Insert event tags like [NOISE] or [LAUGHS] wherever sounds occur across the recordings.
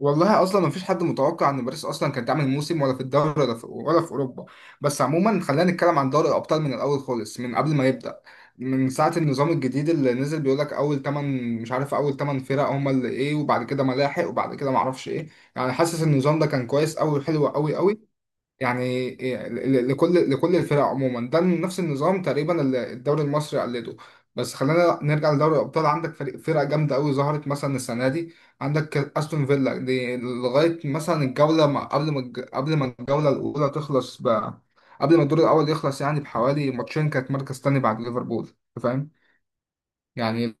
والله اصلا ما فيش حد متوقع ان باريس اصلا كانت تعمل موسم، ولا في الدوري، ولا في اوروبا. بس عموما خلينا نتكلم عن دوري الابطال من الاول خالص، من قبل ما يبدا. من ساعه النظام الجديد اللي نزل بيقول لك اول 8، مش عارف، اول 8 فرق هم اللي ايه، وبعد كده ملاحق، وبعد كده ما اعرفش ايه. يعني حاسس ان النظام ده كان كويس قوي، حلو قوي قوي. يعني لكل الفرق عموما ده نفس النظام تقريبا اللي الدوري المصري قلده. بس خلينا نرجع لدوري الابطال. عندك فرق جامده قوي ظهرت مثلا السنه دي. عندك استون فيلا دي لغايه مثلا الجوله ما قبل ما قبل ما الجوله الاولى تخلص، قبل ما الدور الاول يخلص، يعني بحوالي ماتشين كانت مركز تاني بعد ليفربول. أنت فاهم يعني.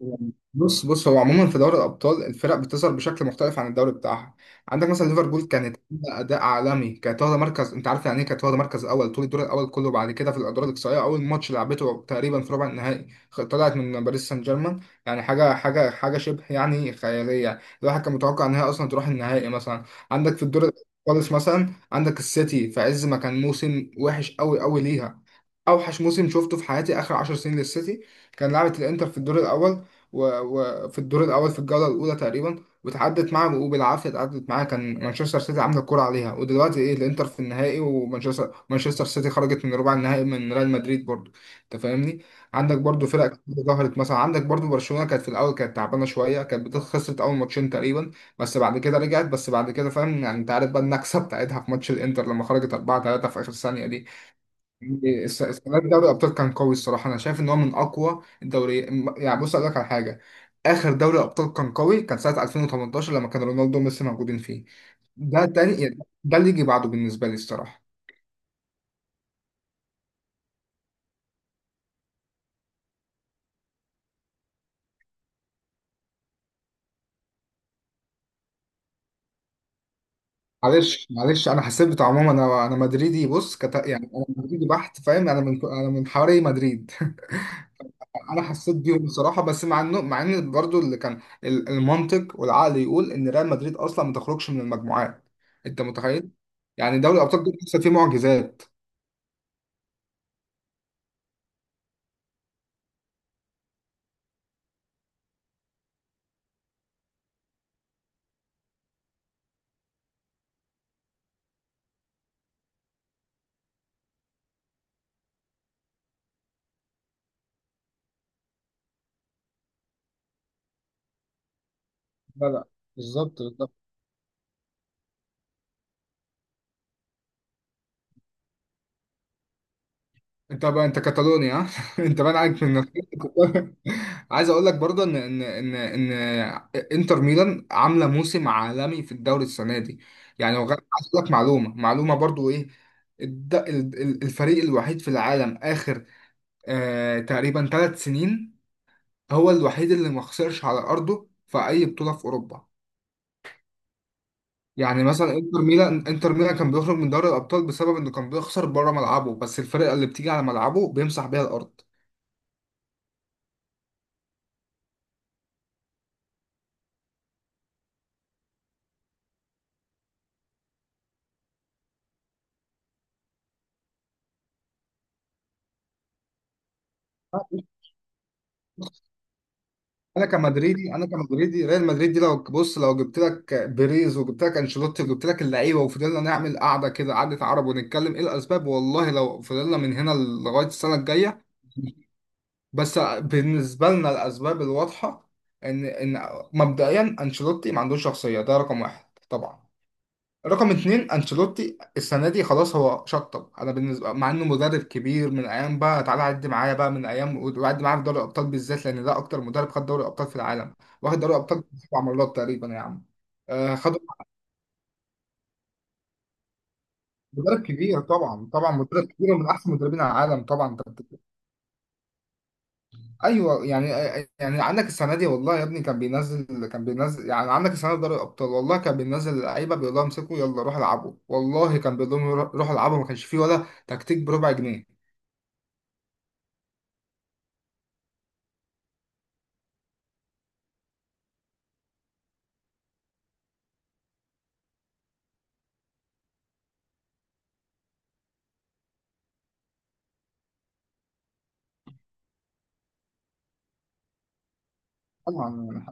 بص بص، هو عموما في دوري الابطال الفرق بتظهر بشكل مختلف عن الدوري بتاعها. عندك مثلا ليفربول كانت عاملة اداء عالمي، كانت واخده مركز، انت عارف يعني ايه، كانت واخده مركز اول طول الدور الاول كله، بعد كده في الادوار الاقصائيه اول ماتش لعبته تقريبا في ربع النهائي طلعت من باريس سان جيرمان. يعني حاجه شبه يعني خياليه، الواحد كان متوقع ان هي اصلا تروح النهائي مثلا. عندك في الدور خالص مثلا عندك السيتي في عز ما كان موسم وحش قوي قوي ليها، اوحش موسم شفته في حياتي اخر 10 سنين للسيتي. كان لعبة الانتر في الدور الاول، في الجوله الاولى تقريبا، وتعدت معاه، وبالعافيه اتعدت معاه، كان مانشستر سيتي عامله الكوره عليها، ودلوقتي ايه الانتر في النهائي، ومانشستر سيتي خرجت من ربع النهائي من ريال مدريد برضو. انت فاهمني. عندك برضو فرق كتير ظهرت، مثلا عندك برضو برشلونه كانت في الاول كانت تعبانه شويه، كانت خسرت اول ماتشين تقريبا، بس بعد كده رجعت، بس بعد كده فاهم يعني، انت عارف بقى النكسه بتاعتها في ماتش الانتر لما خرجت 4-3 في اخر ثانيه دي. السنه دي دوري الابطال كان قوي الصراحه، انا شايف ان هو من اقوى الدوري. يعني بص اقول لك على حاجه، اخر دوري ابطال كان قوي كان سنه 2018 لما كان رونالدو وميسي موجودين فيه. ده تاني يعني، ده اللي يجي بعده بالنسبه لي الصراحه. معلش معلش، انا حسيت بتاع عموما، انا مدريدي، يعني انا مدريدي بحت، فاهم، انا من حواري مدريد. انا حسيت بيهم بصراحه، بس مع ان برضو اللي كان المنطق والعقل يقول ان ريال مدريد اصلا ما تخرجش من المجموعات. انت متخيل، يعني دوري الابطال ده لسه فيه معجزات. لا لا، بالظبط بالظبط. انت بقى انت كاتالونيا ها؟ [LAUGHS] انت بقى عليك من نفسك. [LAUGHS] عايز اقول لك برضه ان ان انتر ميلان عامله موسم عالمي في الدوري السنه دي. يعني عايز اقول لك معلومه، معلومه برضه ايه، الفريق الوحيد في العالم اخر تقريبا 3 سنين هو الوحيد اللي ما خسرش على ارضه في اي بطوله في اوروبا. يعني مثلا انتر ميلان، كان بيخرج من دوري الابطال بسبب انه كان بيخسر بره ملعبه، بس الفرقه اللي بتيجي على ملعبه بيمسح بيها الارض. انا كمدريدي، ريال مدريد دي لو بص لو جبت لك بيريز، وجبت لك انشيلوتي، وجبت لك اللعيبه، وفضلنا نعمل قعده كده، قعده عرب، ونتكلم ايه الاسباب، والله لو فضلنا من هنا لغايه السنه الجايه. بس بالنسبة لنا الأسباب الواضحة إن مبدئيا أنشيلوتي ما عندوش شخصية، ده رقم واحد طبعا. رقم اتنين، أنشيلوتي السنة دي خلاص هو شطب، أنا بالنسبة مع إنه مدرب كبير، من أيام بقى، تعالى عد معايا بقى، من أيام، وعد معايا في دوري الأبطال بالذات، لأن ده أكتر مدرب خد دوري الأبطال في العالم، واخد دوري الأبطال 7 مرات تقريبا يا عم. آه، خد مدرب كبير طبعا، طبعا مدرب كبير ومن أحسن مدربين العالم طبعا. ايوه يعني، عندك السنه دي، والله يا ابني كان بينزل يعني، عندك السنه دي دوري الابطال، والله كان بينزل اللعيبه بيقول لهم امسكوا يلا روحوا العبوا، والله كان بيقول لهم روحوا العبوا، ما كانش فيه ولا تكتيك بربع جنيه. طبعا يعني،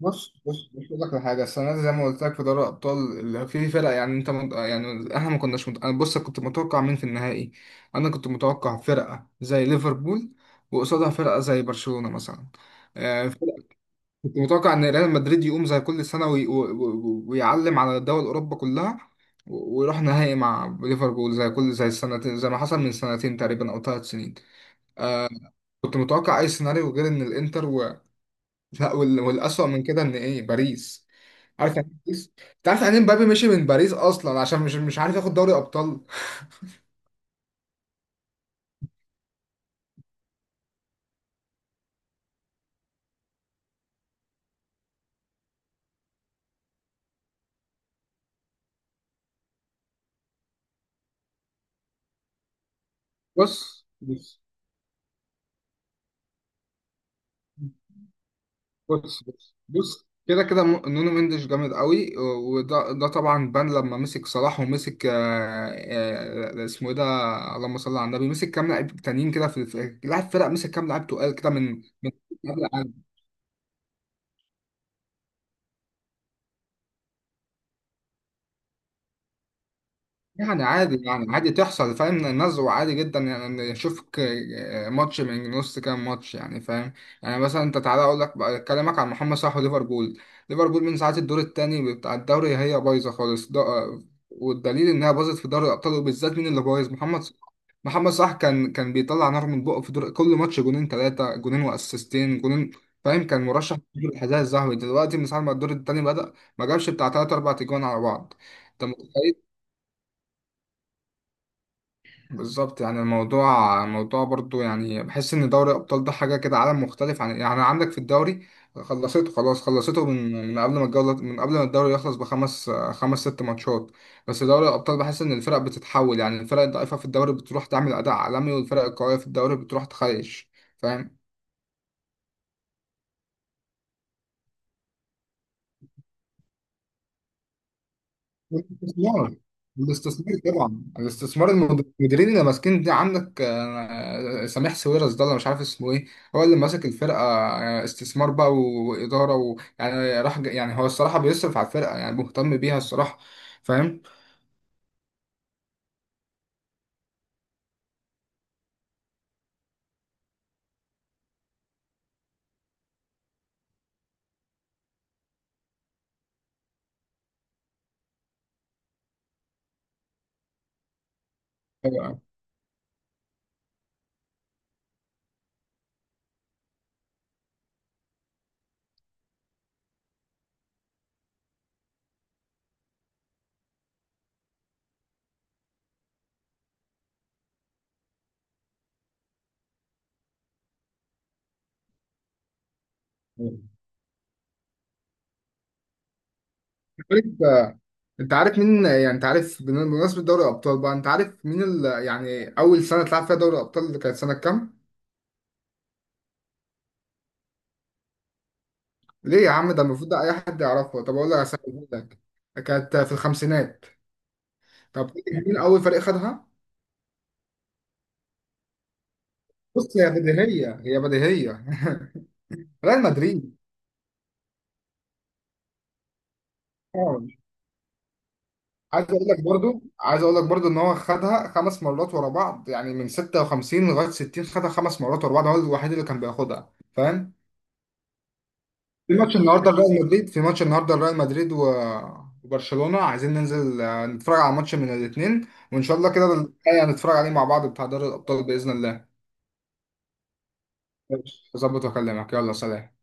بص بص بص اقول لك على حاجه، السنه دي زي ما قلت لك في دوري الابطال اللي فيه فرق يعني، يعني احنا ما كناش مت... انا بص كنت متوقع مين في النهائي. انا كنت متوقع فرقه زي ليفربول، وقصادها فرقه زي برشلونه مثلا. آه، كنت متوقع ان ريال مدريد يقوم زي كل سنه وي... و... و... ويعلم على دول اوروبا كلها، ويروح نهائي مع ليفربول، زي السنتين، زي ما حصل من سنتين تقريبا او ثلاث سنين. كنت متوقع اي سيناريو غير ان الانتر و... لا وال... والاسوأ من كده ان ايه، باريس. عارف يعني إيه باريس؟ انت عارف يعني إيه مبابي مشي من باريس اصلا عشان مش عارف ياخد دوري ابطال. بص بص بص بص، كده كده نونو مندش جامد قوي، وده طبعا بان لما مسك صلاح، ومسك اسمه ايه ده، اللهم صل على النبي، مسك كام لاعب تانيين كده، لاعب فرق، مسك كام لاعب تقال كده من. يعني عادي، يعني عادي تحصل، فاهم، النزوة عادي جدا يعني، اشوفك ماتش من نص كام ماتش يعني، فاهم. يعني مثلا انت تعالى اكلمك عن محمد صلاح وليفربول. ليفربول من ساعة الدور الثاني بتاع الدوري هي بايظة خالص ده، والدليل انها باظت في دوري الابطال، وبالذات مين اللي بايظ؟ محمد صلاح. محمد صلاح كان بيطلع نار من بقه، في دور كل ماتش جونين، ثلاثة جونين، واسيستين، جونين فاهم، كان مرشح للحذاء الذهبي. دلوقتي من ساعة ما الدور الثاني بدأ ما جابش بتاع ثلاث اربع تجوان على بعض. انت متخيل، بالظبط. يعني الموضوع برضو يعني، بحس ان دوري الابطال ده حاجه كده عالم مختلف عن يعني، عندك في الدوري خلصته خلاص، من قبل ما الجوله، من قبل ما الدوري يخلص بخمس، خمس ست ماتشات، بس دوري الابطال بحس ان الفرق بتتحول يعني، الفرق الضعيفه في الدوري بتروح تعمل اداء عالمي، والفرق القويه في الدوري بتروح تخيش، فاهم. الاستثمار الاستثمار طبعا، الاستثمار المديرين اللي ماسكين دي، عندك سميح سويرس ده، انا مش عارف اسمه ايه، هو اللي ماسك الفرقه، استثمار بقى واداره ويعني، يعني هو الصراحه بيصرف على الفرقه يعني، مهتم بيها الصراحه، فاهم. أيوة. عارف- انت عارف مين يعني، انت عارف بمناسبه دوري الابطال بقى، انت عارف مين يعني اول سنه اتلعب فيها دوري الابطال اللي كانت سنه كام؟ ليه يا عم؟ ده المفروض ده اي حد يعرفه. طب اقول لك على سنة- أقول لك، كانت في الخمسينات. طب فاكر مين اول فريق خدها؟ بص هي بديهيه، هي بديهيه. [LAUGHS] ريال مدريد. طبعاً. عايز اقول لك برضو ان هو خدها 5 مرات ورا بعض، يعني من 56 لغايه 60 خدها 5 مرات ورا بعض، هو الوحيد اللي كان بياخدها فاهم. في ماتش النهارده ريال مدريد وبرشلونه، عايزين ننزل نتفرج على ماتش من الاثنين، وان شاء الله كده الحقيقة هنتفرج عليه مع بعض بتاع دوري الابطال باذن الله. ماشي. اظبط واكلمك، يلا سلام.